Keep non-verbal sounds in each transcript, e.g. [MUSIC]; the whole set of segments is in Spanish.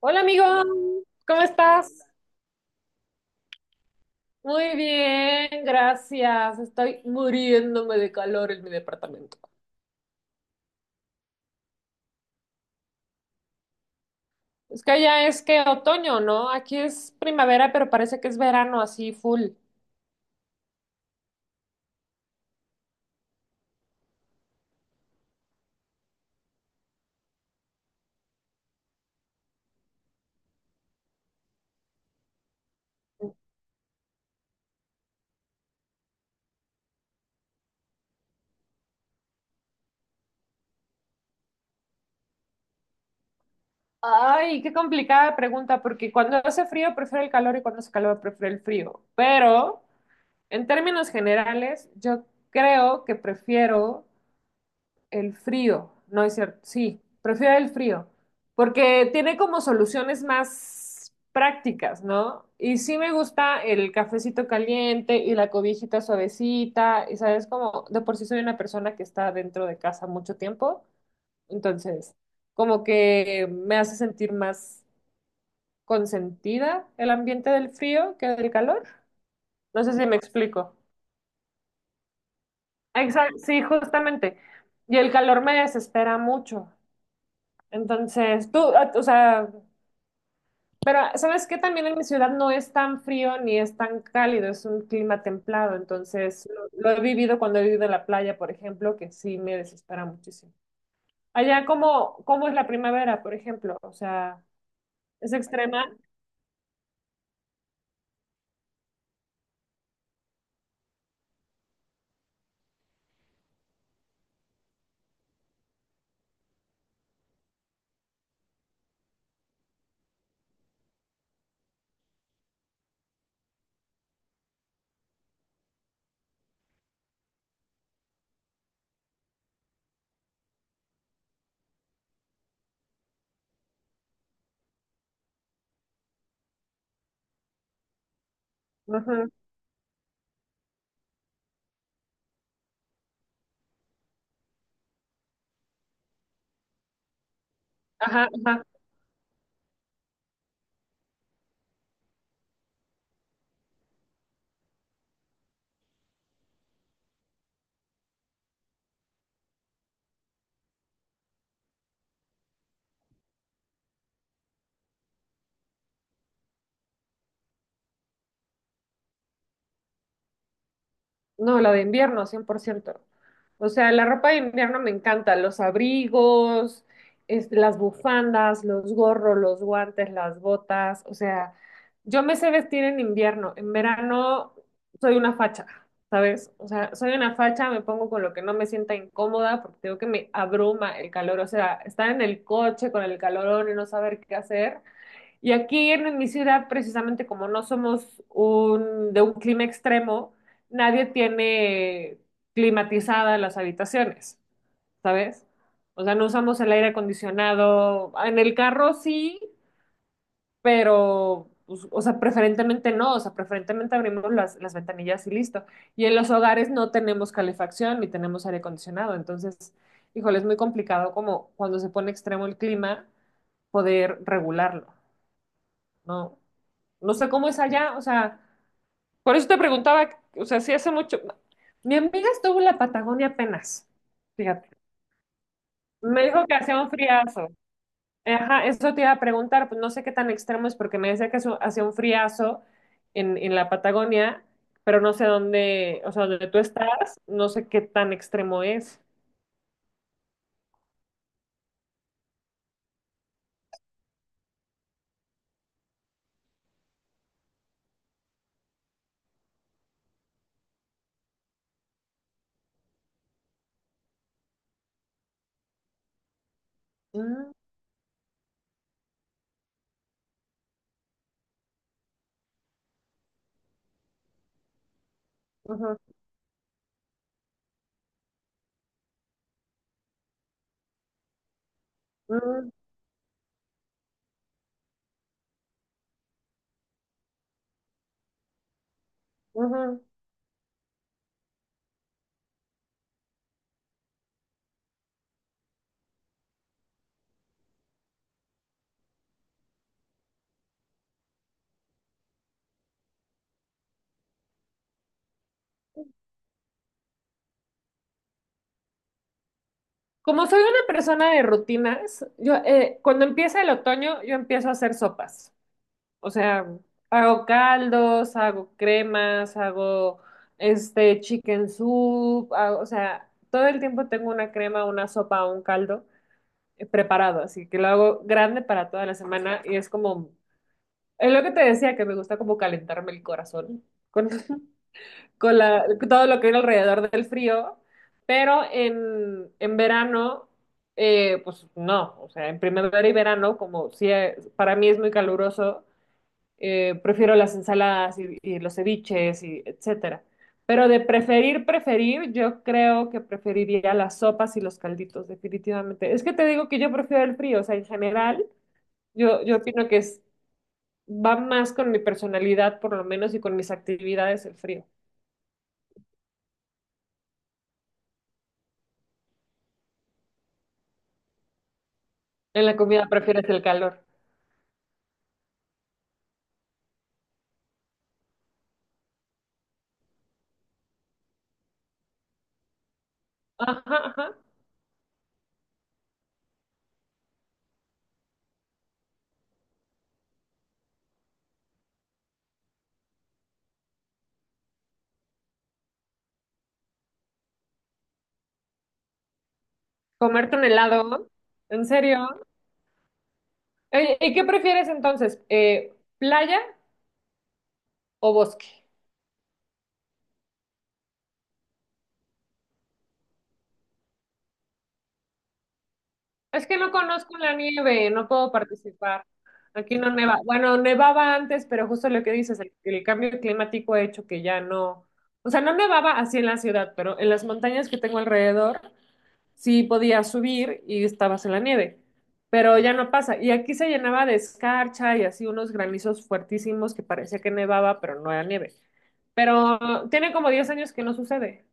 Hola amigo, ¿cómo estás? Muy bien, gracias. Estoy muriéndome de calor en mi departamento. Es que allá es que otoño, ¿no? Aquí es primavera, pero parece que es verano así full. Ay, qué complicada pregunta, porque cuando hace frío prefiero el calor y cuando hace calor prefiero el frío. Pero en términos generales, yo creo que prefiero el frío, no es cierto. Sí, prefiero el frío, porque tiene como soluciones más prácticas, ¿no? Y sí me gusta el cafecito caliente y la cobijita suavecita, y sabes, como de por sí soy una persona que está dentro de casa mucho tiempo, entonces como que me hace sentir más consentida el ambiente del frío que del calor. No sé si me explico. Exacto, sí, justamente. Y el calor me desespera mucho. Entonces, tú, ah, o sea, pero ¿sabes qué? También en mi ciudad no es tan frío ni es tan cálido, es un clima templado. Entonces, lo he vivido cuando he vivido en la playa, por ejemplo, que sí me desespera muchísimo. Allá, ¿cómo es la primavera, por ejemplo? O sea, ¿es extrema? Ajá, ajá, ajá. No, la de invierno, 100%. O sea, la ropa de invierno me encanta, los abrigos, este, las bufandas, los gorros, los guantes, las botas. O sea, yo me sé vestir en invierno, en verano soy una facha, ¿sabes? O sea, soy una facha, me pongo con lo que no me sienta incómoda porque tengo que me abruma el calor. O sea, estar en el coche con el calorón y no saber qué hacer, y aquí en mi ciudad, precisamente como no somos un, de un clima extremo, nadie tiene climatizadas las habitaciones, ¿sabes? O sea, no usamos el aire acondicionado. En el carro sí, pero, pues, o sea, preferentemente no, o sea, preferentemente abrimos las ventanillas y listo. Y en los hogares no tenemos calefacción ni tenemos aire acondicionado. Entonces, híjole, es muy complicado como cuando se pone extremo el clima, poder regularlo. No, no sé cómo es allá, o sea, por eso te preguntaba, o sea, si hace mucho. Mi amiga estuvo en la Patagonia apenas, fíjate. Me dijo que hacía un friazo. Ajá, eso te iba a preguntar, pues no sé qué tan extremo es, porque me decía que hacía un friazo en la Patagonia, pero no sé dónde, o sea, donde tú estás, no sé qué tan extremo es. Mm, ujú, mm, ujú. Como soy una persona de rutinas, yo cuando empieza el otoño, yo empiezo a hacer sopas. O sea, hago caldos, hago cremas, hago este chicken soup, o sea, todo el tiempo tengo una crema, una sopa o un caldo preparado, así que lo hago grande para toda la semana y es como, es lo que te decía, que me gusta como calentarme el corazón con, [LAUGHS] con la, todo lo que viene alrededor del frío, pero en verano, pues no, o sea, en primavera y verano, como si para mí es muy caluroso prefiero las ensaladas y los ceviches y etcétera. Pero de preferir, preferir, yo creo que preferiría las sopas y los calditos, definitivamente. Es que te digo que yo prefiero el frío, o sea, en general, yo opino que es, va más con mi personalidad, por lo menos, y con mis actividades el frío. En la comida prefieres el calor. Ajá, ajá. Comerte un helado, ¿en serio? Oye, ¿y qué prefieres entonces? ¿Playa o bosque? Es que no conozco la nieve, no puedo participar. Aquí no neva. Bueno, nevaba antes, pero justo lo que dices, el cambio climático ha hecho que ya no. O sea, no nevaba así en la ciudad, pero en las montañas que tengo alrededor sí podías subir y estabas en la nieve. Pero ya no pasa. Y aquí se llenaba de escarcha y así unos granizos fuertísimos que parecía que nevaba, pero no era nieve. Pero tiene como 10 años que no sucede.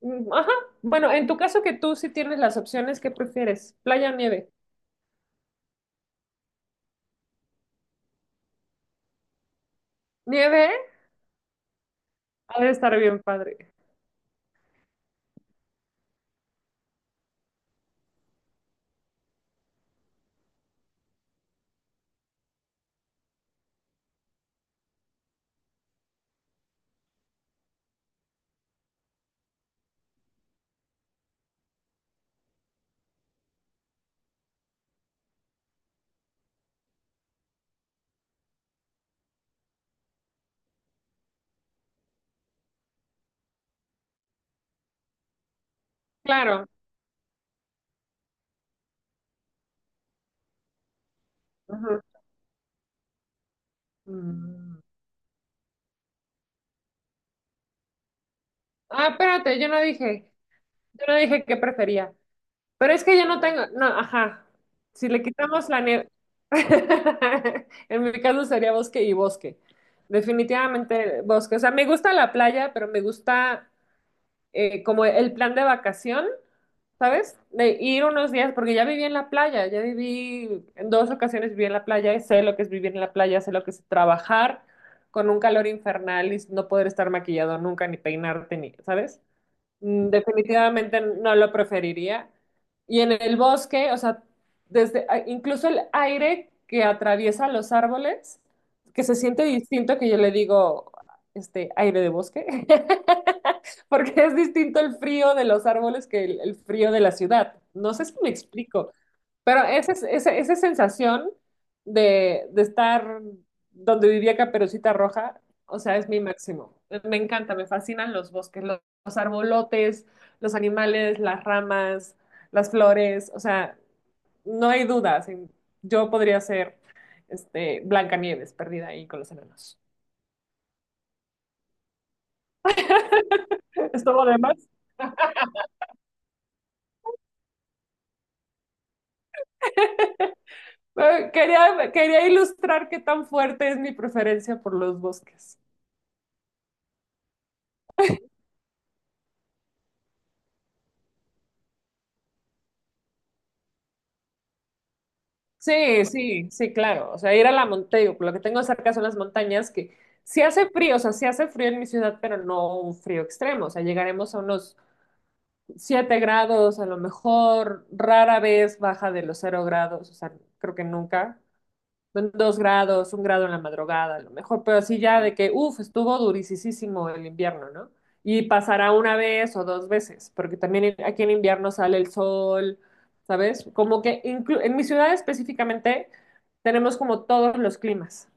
Mm. Ajá. Bueno, en tu caso que tú sí tienes las opciones, ¿qué prefieres? ¿Playa o nieve? ¿Nieve? Ha de estar bien padre. Claro. Ajá. Mm. Ah, espérate, yo no dije qué prefería. Pero es que yo no tengo, no, ajá. Si le quitamos la nieve, [LAUGHS] en mi caso sería bosque y bosque. Definitivamente bosque. O sea, me gusta la playa, pero me gusta como el plan de vacación. ¿Sabes? De ir unos días, porque ya viví en la playa, ya viví, en dos ocasiones viví en la playa, y sé lo que es vivir en la playa, sé lo que es trabajar con un calor infernal y no poder estar maquillado nunca, ni peinarte, ni, ¿sabes? Mm. Definitivamente no lo preferiría. Y en el bosque, o sea, desde incluso el aire que atraviesa los árboles, que se siente distinto que yo le digo, este, aire de bosque, [LAUGHS] porque es distinto el frío de los árboles que el frío de la ciudad. No sé si me explico. Pero esa, esa, esa sensación de estar donde vivía Caperucita Roja, o sea, es mi máximo. Me encanta, me fascinan los bosques, los arbolotes, los animales, las ramas, las flores, o sea, no hay dudas. Yo podría ser este, Blancanieves perdida ahí con los enanos. Esto demás. Quería ilustrar qué tan fuerte es mi preferencia por los bosques. Sí, sí, sí, claro. O sea, ir a la montaña, lo que tengo cerca son las montañas que sí hace frío, o sea, sí hace frío en mi ciudad, pero no un frío extremo. O sea, llegaremos a unos 7 grados, a lo mejor rara vez baja de los 0 grados, o sea, creo que nunca. Son 2 grados, 1 grado en la madrugada, a lo mejor, pero sí ya de que, uff, estuvo durisísimo el invierno, ¿no? Y pasará una vez o dos veces, porque también aquí en invierno sale el sol, ¿sabes? Como que en mi ciudad específicamente tenemos como todos los climas.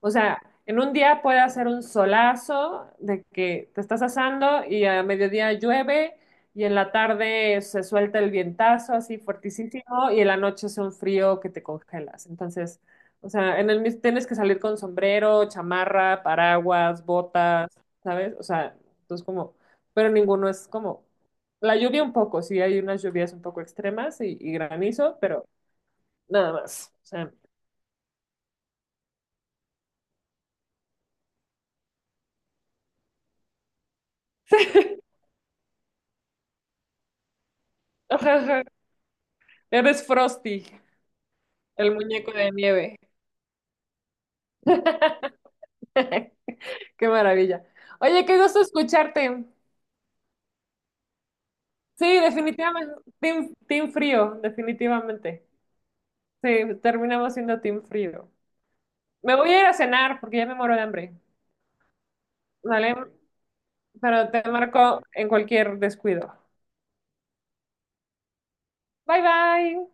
O sea, en un día puede hacer un solazo de que te estás asando y a mediodía llueve y en la tarde se suelta el vientazo así fuertísimo y en la noche hace un frío que te congelas. Entonces, o sea, en tienes que salir con sombrero, chamarra, paraguas, botas, ¿sabes? O sea, entonces como, pero ninguno es como la lluvia un poco, sí hay unas lluvias un poco extremas y granizo, pero nada más. O sea, [LAUGHS] ajá, ajá, eres Frosty. El muñeco de nieve. [LAUGHS] Qué maravilla. Oye, qué gusto escucharte. Sí, definitivamente. Team frío, definitivamente. Sí, terminamos siendo team frío. Me voy a ir a cenar porque ya me muero de hambre. ¿Vale? Pero te marco en cualquier descuido. Bye bye.